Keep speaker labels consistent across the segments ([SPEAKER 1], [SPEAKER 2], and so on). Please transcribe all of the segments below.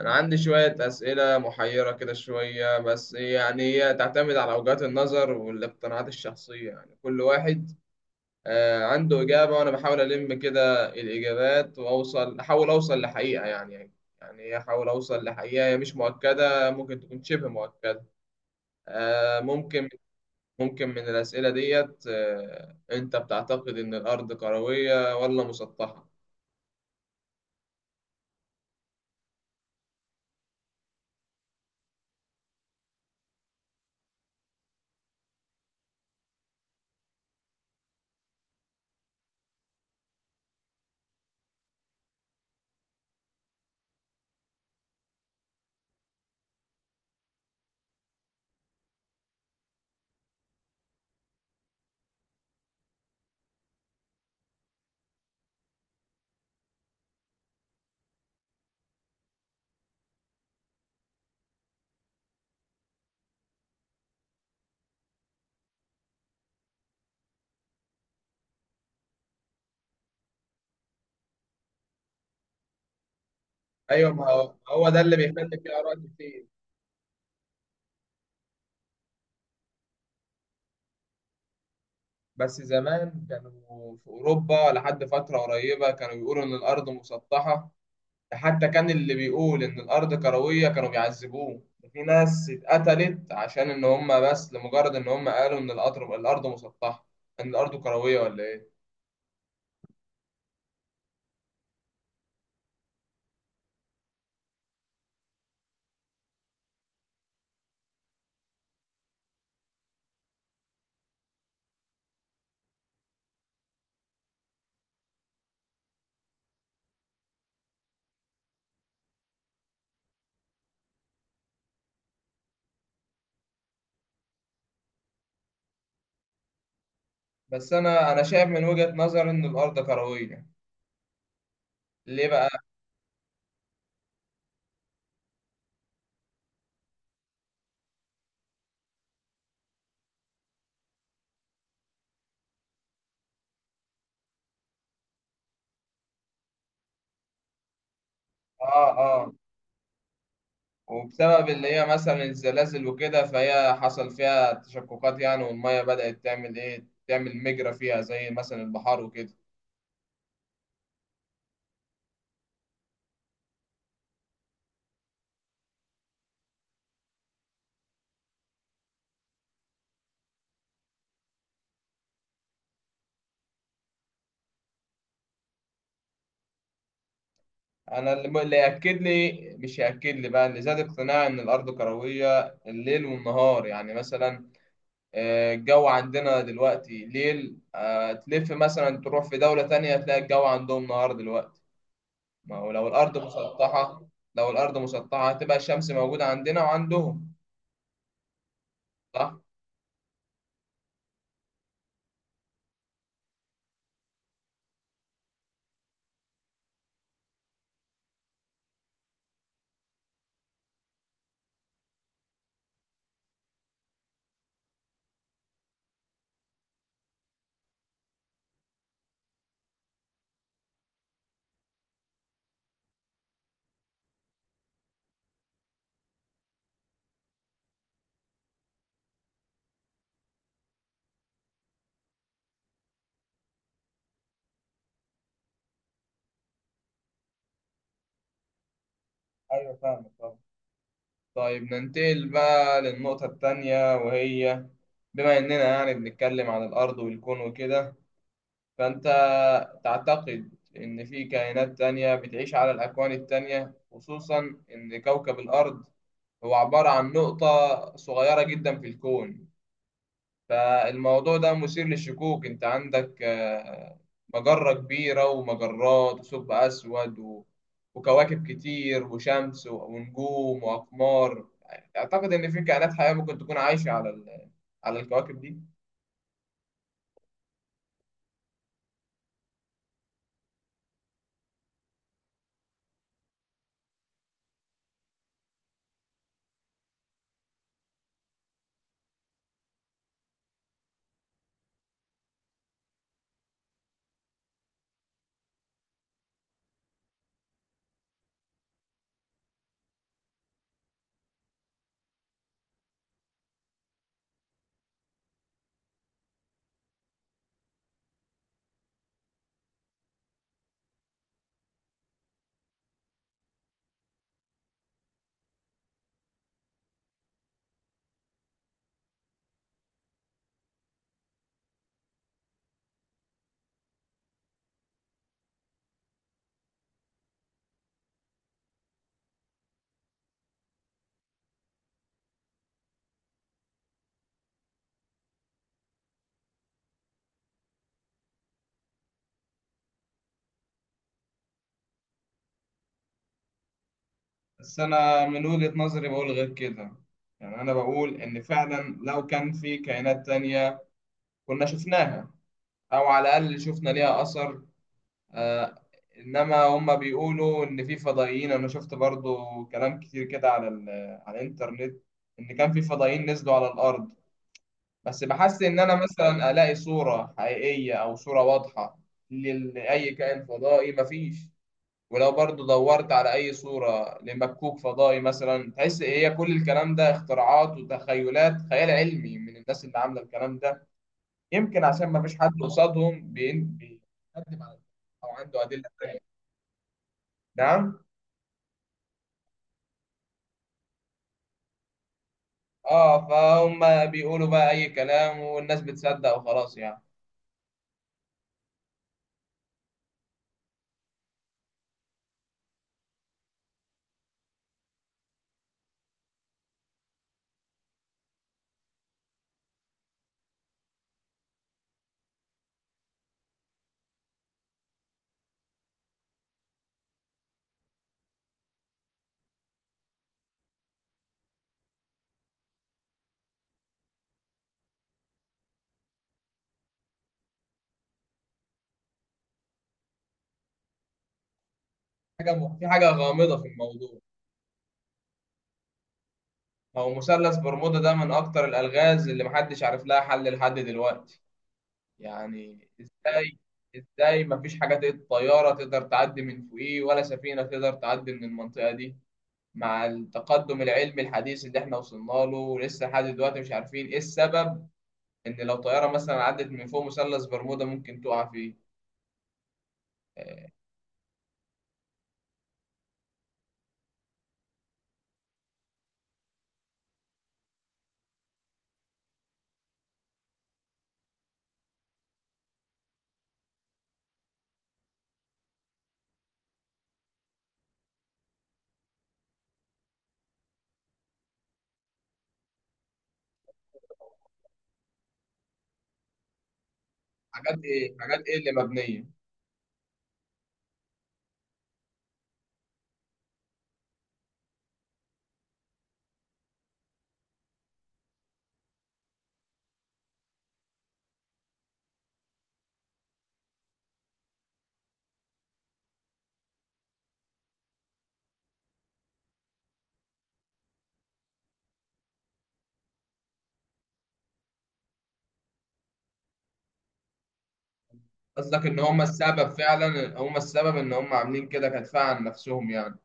[SPEAKER 1] أنا عندي شوية أسئلة محيرة كده شوية، بس يعني هي تعتمد على وجهات النظر والاقتناعات الشخصية. يعني كل واحد عنده إجابة، وأنا بحاول ألم كده الإجابات وأوصل، أحاول أوصل لحقيقة يعني. يعني أحاول أوصل لحقيقة هي مش مؤكدة، ممكن تكون شبه مؤكدة. آه، ممكن. ممكن من الأسئلة ديت، أنت بتعتقد إن الأرض كروية ولا مسطحة؟ أيوة، ما هو هو ده اللي بيخلي فيه آراء كتير. بس زمان كانوا في أوروبا لحد فترة قريبة كانوا بيقولوا إن الأرض مسطحة. ده حتى كان اللي بيقول إن الأرض كروية كانوا بيعذبوه. في ناس اتقتلت عشان إن هم، بس لمجرد إن هم قالوا إن القطر الأرض مسطحة، إن الأرض كروية ولا إيه. بس أنا شايف من وجهة نظري إن الأرض كروية. ليه بقى؟ آه. آه. وبسبب اللي هي مثلا الزلازل وكده، فهي حصل فيها تشققات يعني، والمية بدأت تعمل إيه؟ تعمل مجرى فيها زي مثلا البحار وكده. انا اللي ياكد لي، مش ياكد لي بقى، اللي زاد اقتناعي ان الارض كرويه الليل والنهار. يعني مثلا الجو عندنا دلوقتي ليل، تلف مثلا تروح في دوله تانية تلاقي الجو عندهم نهار دلوقتي. ما هو لو الارض مسطحه، لو الارض مسطحه هتبقى الشمس موجوده عندنا وعندهم. صح. ايوه فاهم طبعا. طيب ننتقل بقى للنقطه التانية، وهي بما اننا يعني بنتكلم عن الارض والكون وكده، فأنت تعتقد إن في كائنات تانية بتعيش على الأكوان التانية؟ خصوصا إن كوكب الأرض هو عبارة عن نقطة صغيرة جدا في الكون. فالموضوع ده مثير للشكوك. أنت عندك مجرة كبيرة ومجرات وثقب أسود وكواكب كتير وشمس ونجوم وأقمار. أعتقد إن في كائنات حية ممكن تكون عايشة على الكواكب دي. بس أنا من وجهة نظري بقول غير كده. يعني أنا بقول إن فعلا لو كان في كائنات تانية كنا شفناها، أو على الأقل شفنا ليها أثر. آه. إنما هما بيقولوا إن في فضائيين. أنا شفت برضو كلام كتير كده على على الإنترنت إن كان في فضائيين نزلوا على الأرض، بس بحس إن أنا مثلا ألاقي صورة حقيقية أو صورة واضحة لأي كائن فضائي مفيش. ولو برضو دورت على أي صورة لمكوك فضائي مثلا تحس إيه، هي كل الكلام ده اختراعات وتخيلات، خيال علمي من الناس اللي عاملة الكلام ده. يمكن عشان ما فيش حد قصادهم بيقدم على، أو عنده أدلة تانية. نعم. اه، فهم بيقولوا بقى أي كلام والناس بتصدق وخلاص يعني. حاجة في حاجة غامضة في الموضوع. هو مثلث برمودا ده من أكتر الألغاز اللي محدش عارف لها حل لحد دلوقتي. يعني ازاي، ازاي مفيش حاجة طيارة تقدر تعدي من فوقيه ولا سفينة تقدر تعدي من المنطقة دي، مع التقدم العلمي الحديث اللي احنا وصلنا له؟ ولسه لحد دلوقتي مش عارفين ايه السبب ان لو طيارة مثلا عدت من فوق مثلث برمودا ممكن تقع فيه. آه، حاجات ايه، حاجات ايه اللي مبنية؟ قصدك ان هم السبب، فعلا هم السبب ان هم عاملين كده كدفاع عن نفسهم يعني.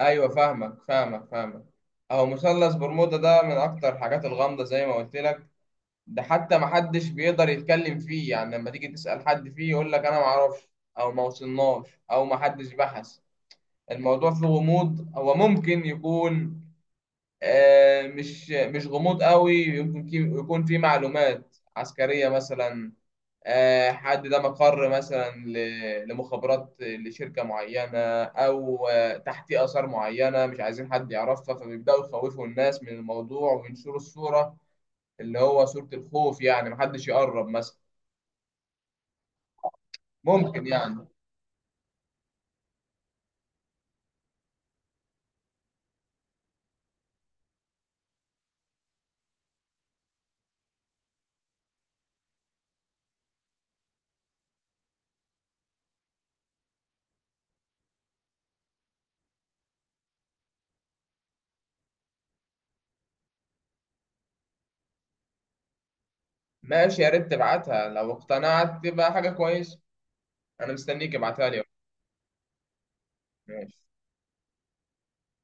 [SPEAKER 1] ايوه فاهمك فاهمك فاهمك. اهو مثلث برمودا ده من اكتر الحاجات الغامضة زي ما قلت لك. ده حتى ما حدش بيقدر يتكلم فيه، يعني لما تيجي تسأل حد فيه يقول لك انا ما اعرفش، او ما وصلناش، او ما حدش بحث. الموضوع فيه غموض. هو ممكن يكون مش غموض قوي، يمكن يكون فيه معلومات عسكرية مثلا، حد ده مقر مثلا لمخابرات لشركة معينة، أو تحتيه آثار معينة مش عايزين حد يعرفها، فبيبدأوا يخوفوا الناس من الموضوع وينشروا الصورة اللي هو صورة الخوف، يعني محدش يقرب مثلا. ممكن يعني. ماشي، يا ريت تبعتها، لو اقتنعت تبقى حاجة كويسة. أنا مستنيك ابعتها لي. ماشي.